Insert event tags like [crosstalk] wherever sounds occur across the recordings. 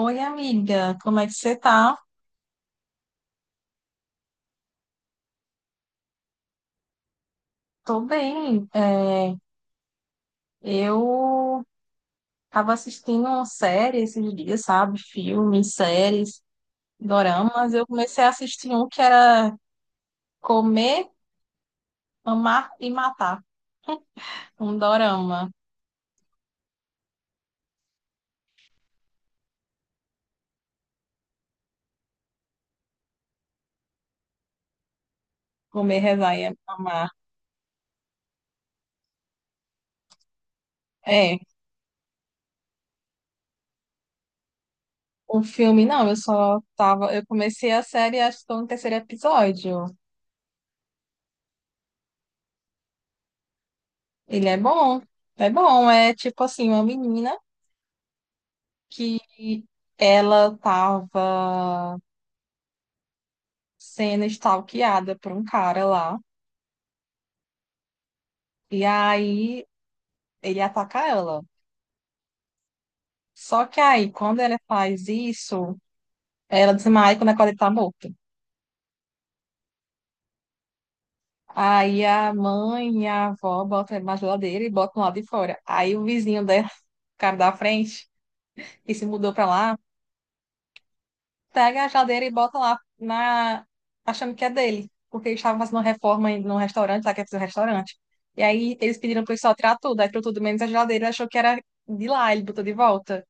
Oi, amiga, como é que você tá? Tô bem. Eu tava assistindo uma série esses dias, sabe? Filmes, séries, doramas. Eu comecei a assistir um que era Comer, Amar e Matar. Um dorama. Comer, Rezar e Amar. É, um filme, não, eu só tava. Eu comecei a série, acho que tô no terceiro episódio. Ele é bom. É bom, é tipo assim, uma menina que ela tava, sendo stalkeada por um cara lá. E aí ele ataca ela. Só que aí, quando ela faz isso, ela desmaia, quando acorda ele tá morto. Aí a mãe e a avó botam ele na geladeira e botam lá de fora. Aí o vizinho dela, [laughs] o cara da frente, que se mudou pra lá, pega a geladeira e bota lá na... achando que é dele. Porque eles estavam fazendo uma reforma em- num restaurante, lá que é um restaurante. E aí eles pediram pro pessoal tirar tudo, aí tirou tudo menos a geladeira, achou que era de lá, ele botou de volta.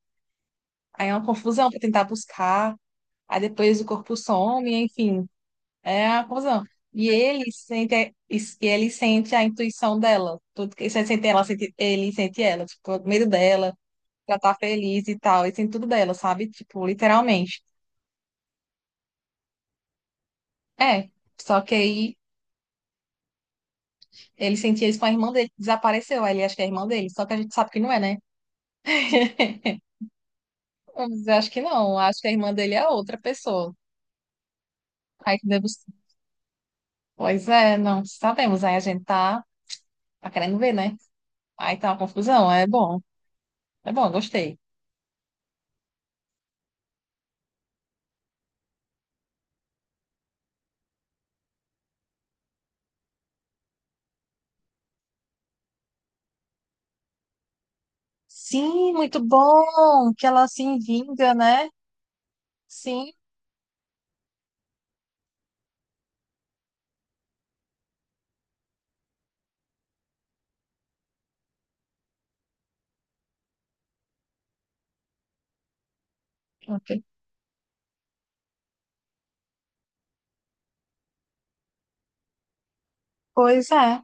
Aí é uma confusão para tentar buscar, aí depois o corpo some, enfim, é uma confusão. E ele sente, e ele sente a intuição dela, tudo que ele sente ela, sente, ele sente ela, tipo, o medo dela, ela tá feliz e tal, ele sente tudo dela, sabe? Tipo, literalmente. É, só que aí ele sentia isso com a irmã dele, que desapareceu, aí ele acha que é a irmã dele, só que a gente sabe que não é, né? [laughs] Mas eu acho que não, acho que a irmã dele é outra pessoa. Aí que deve... Pois é, não sabemos, aí a gente tá, tá querendo ver, né? Aí tá uma confusão, é bom. É bom, gostei. Sim, muito bom que ela se vinga, né? Sim, ok, pois é.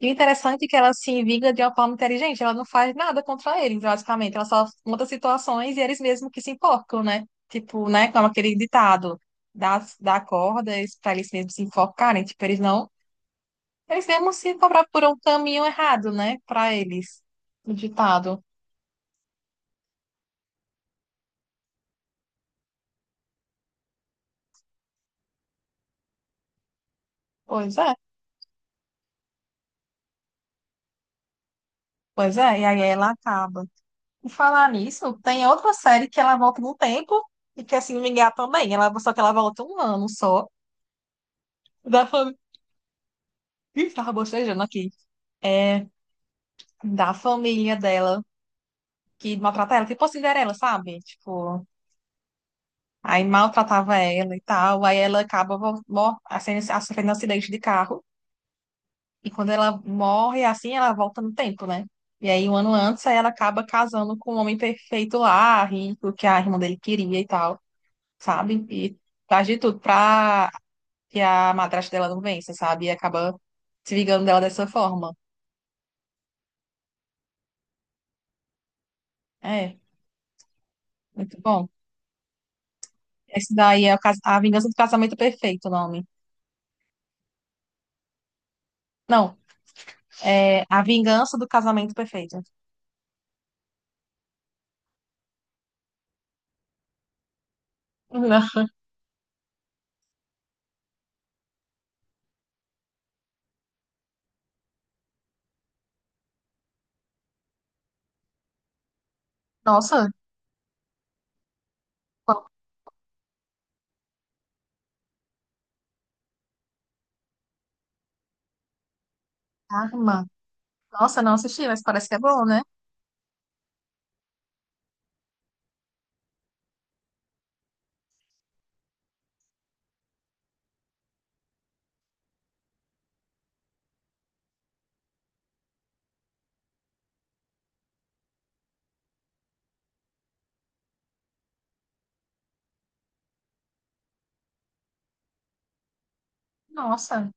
E o interessante é que ela se vinga de uma forma inteligente, ela não faz nada contra eles, basicamente. Ela só monta situações e eles mesmos que se enforcam, né? Tipo, né? Como aquele ditado, dá cordas para eles mesmos se enforcarem. Tipo, eles não. Eles mesmos se cobrar por um caminho errado, né? Para eles. O ditado. Pois é, pois é. E aí ela acaba. Por falar nisso, tem outra série que ela volta no tempo e que, assim, me engano também. Ela, só que ela volta um ano só. Da família. Ih, tava bocejando aqui. É, da família dela que maltrata ela, tipo a Cinderela, sabe? Tipo, aí maltratava ela e tal. Aí ela acaba vol- mor- assim, sofrendo um acidente de carro. E quando ela morre, assim, ela volta no tempo, né? E aí, um ano antes, aí ela acaba casando com um homem perfeito lá, rico, que a irmã dele queria e tal, sabe? E faz de tudo pra que a madrasta dela não vence, sabe? E acaba se vingando dela dessa forma. É, muito bom. Esse daí é o cas- A Vingança do Casamento Perfeito, o nome. Não, é A Vingança do Casamento Perfeito. [laughs] Não. Nossa, qual arma. Nossa, não assisti, mas parece que é bom, né? Nossa,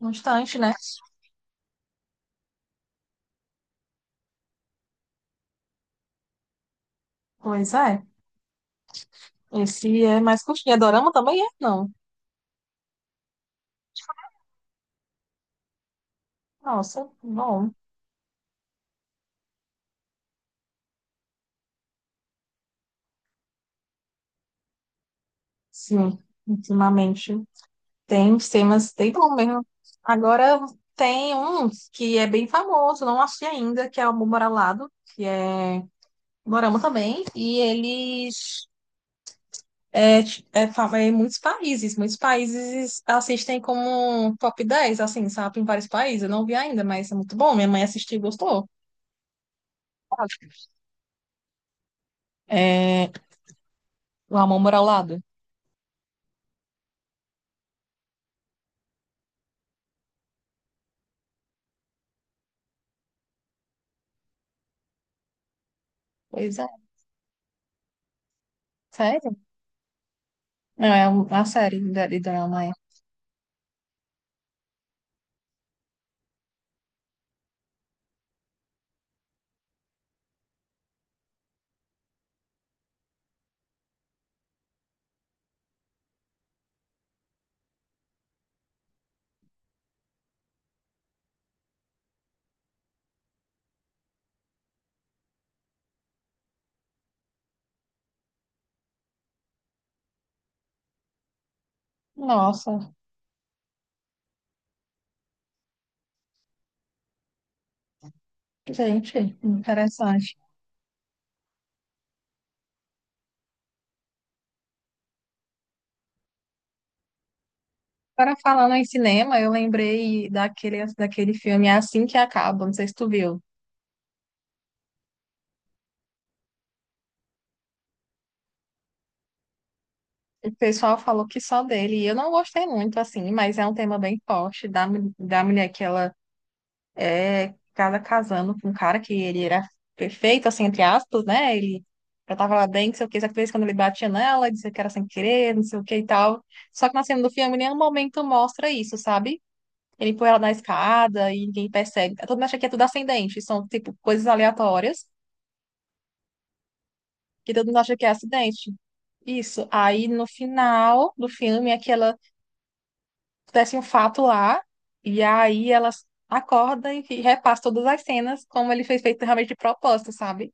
um instante, né? Pois é. Esse é mais curtinho. É dorama também? É, não. Nossa, bom. Sim, ultimamente. Tem uns temas, tem bom mesmo. Agora tem um que é bem famoso, não achei ainda, que é o Amor ao Lado, que é morama também, e eles é, ti- é, fa- é em muitos países assistem como top 10 assim, sabe, em vários países, eu não vi ainda, mas é muito bom, minha mãe assistiu e gostou. É, o Amor ao Lado. Pois é, sério? É uma série de drama, é. Nossa, gente, interessante. Agora falando em cinema, eu lembrei daquele filme Assim que Acaba, não sei se tu viu. O pessoal falou que só dele, e eu não gostei muito, assim, mas é um tema bem forte da, mu- da mulher que ela é cada casando com um cara que ele era perfeito, assim, entre aspas, né? Ele já tava lá bem, não sei o que, só que de vez em quando ele batia nela, dizia que era sem querer, não sei o que e tal. Só que na cena do filme, em nenhum momento mostra isso, sabe? Ele põe ela na escada e ninguém percebe. Todo mundo acha que é tudo ascendente, são, tipo, coisas aleatórias que todo mundo acha que é acidente. Isso. Aí no final do filme é que ela acontece um fato lá, e aí ela acorda e repassa todas as cenas, como ele fez feito realmente de propósito, sabe?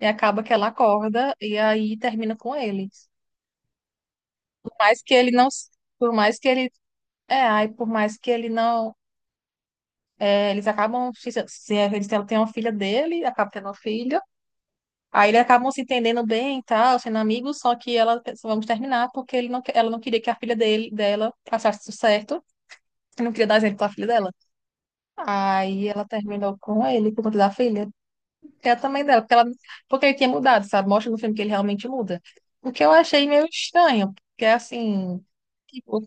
E acaba que ela acorda e aí termina com ele. Por mais que ele não. Por mais que ele. É, aí por mais que ele não, é, eles acabam. Se eles têm- tem uma filha dele, acaba tendo uma filha. Aí eles acabam se entendendo bem e tal, sendo amigos, só que ela pensa, vamos terminar porque ele não, que- ela não queria que a filha dele, dela passasse tudo certo, e não queria dar exemplo pra filha dela. Aí ela terminou com ele por conta da filha, que é também dela, porque, ela, porque ele tinha mudado, sabe? Mostra no filme que ele realmente muda. O que eu achei meio estranho, porque é assim, tipo,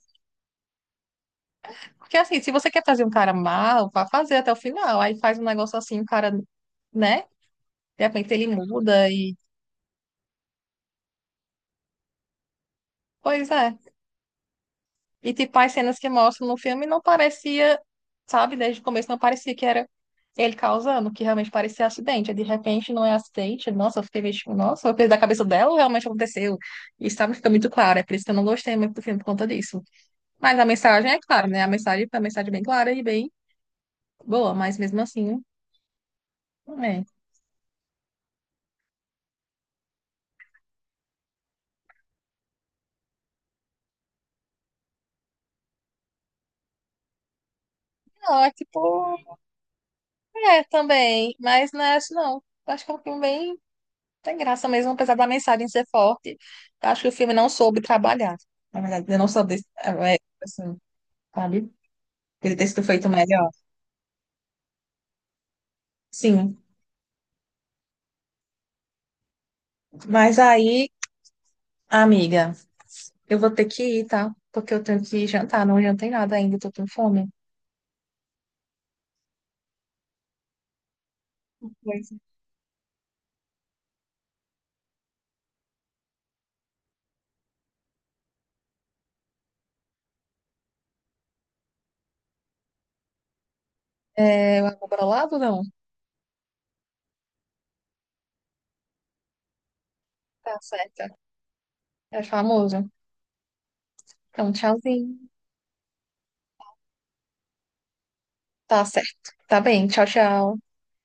porque assim, se você quer fazer um cara mal, vá fazer até o final, aí faz um negócio assim, o cara, né? De repente ele muda e. Pois é. E, tipo, as cenas que mostram no filme não parecia, sabe, desde o começo não parecia que era ele causando, que realmente parecia acidente. Aí, de repente não é acidente. Nossa, eu fiquei meio tipo, nossa, foi coisa da cabeça dela ou realmente aconteceu? Isso, sabe, fica muito claro. É por isso que eu não gostei muito do filme por conta disso. Mas a mensagem é clara, né? A mensagem é uma mensagem é bem clara e bem boa, mas mesmo assim, não é. Não, é tipo, é também, mas não é isso não. Eu acho que é um filme bem. Tem graça mesmo, apesar da mensagem ser forte. Eu acho que o filme não soube trabalhar. Na verdade, ele não soube, assim, sabe? Ele ter sido feito melhor. Sim. Mas aí, amiga, eu vou ter que ir, tá? Porque eu tenho que jantar. Não jantei nada ainda, tô com fome. Pois é. É, eu vou pra lá ou não? Tá certo. É famoso. Então, tchauzinho. Tá certo. Tá bem. Tchau, tchau.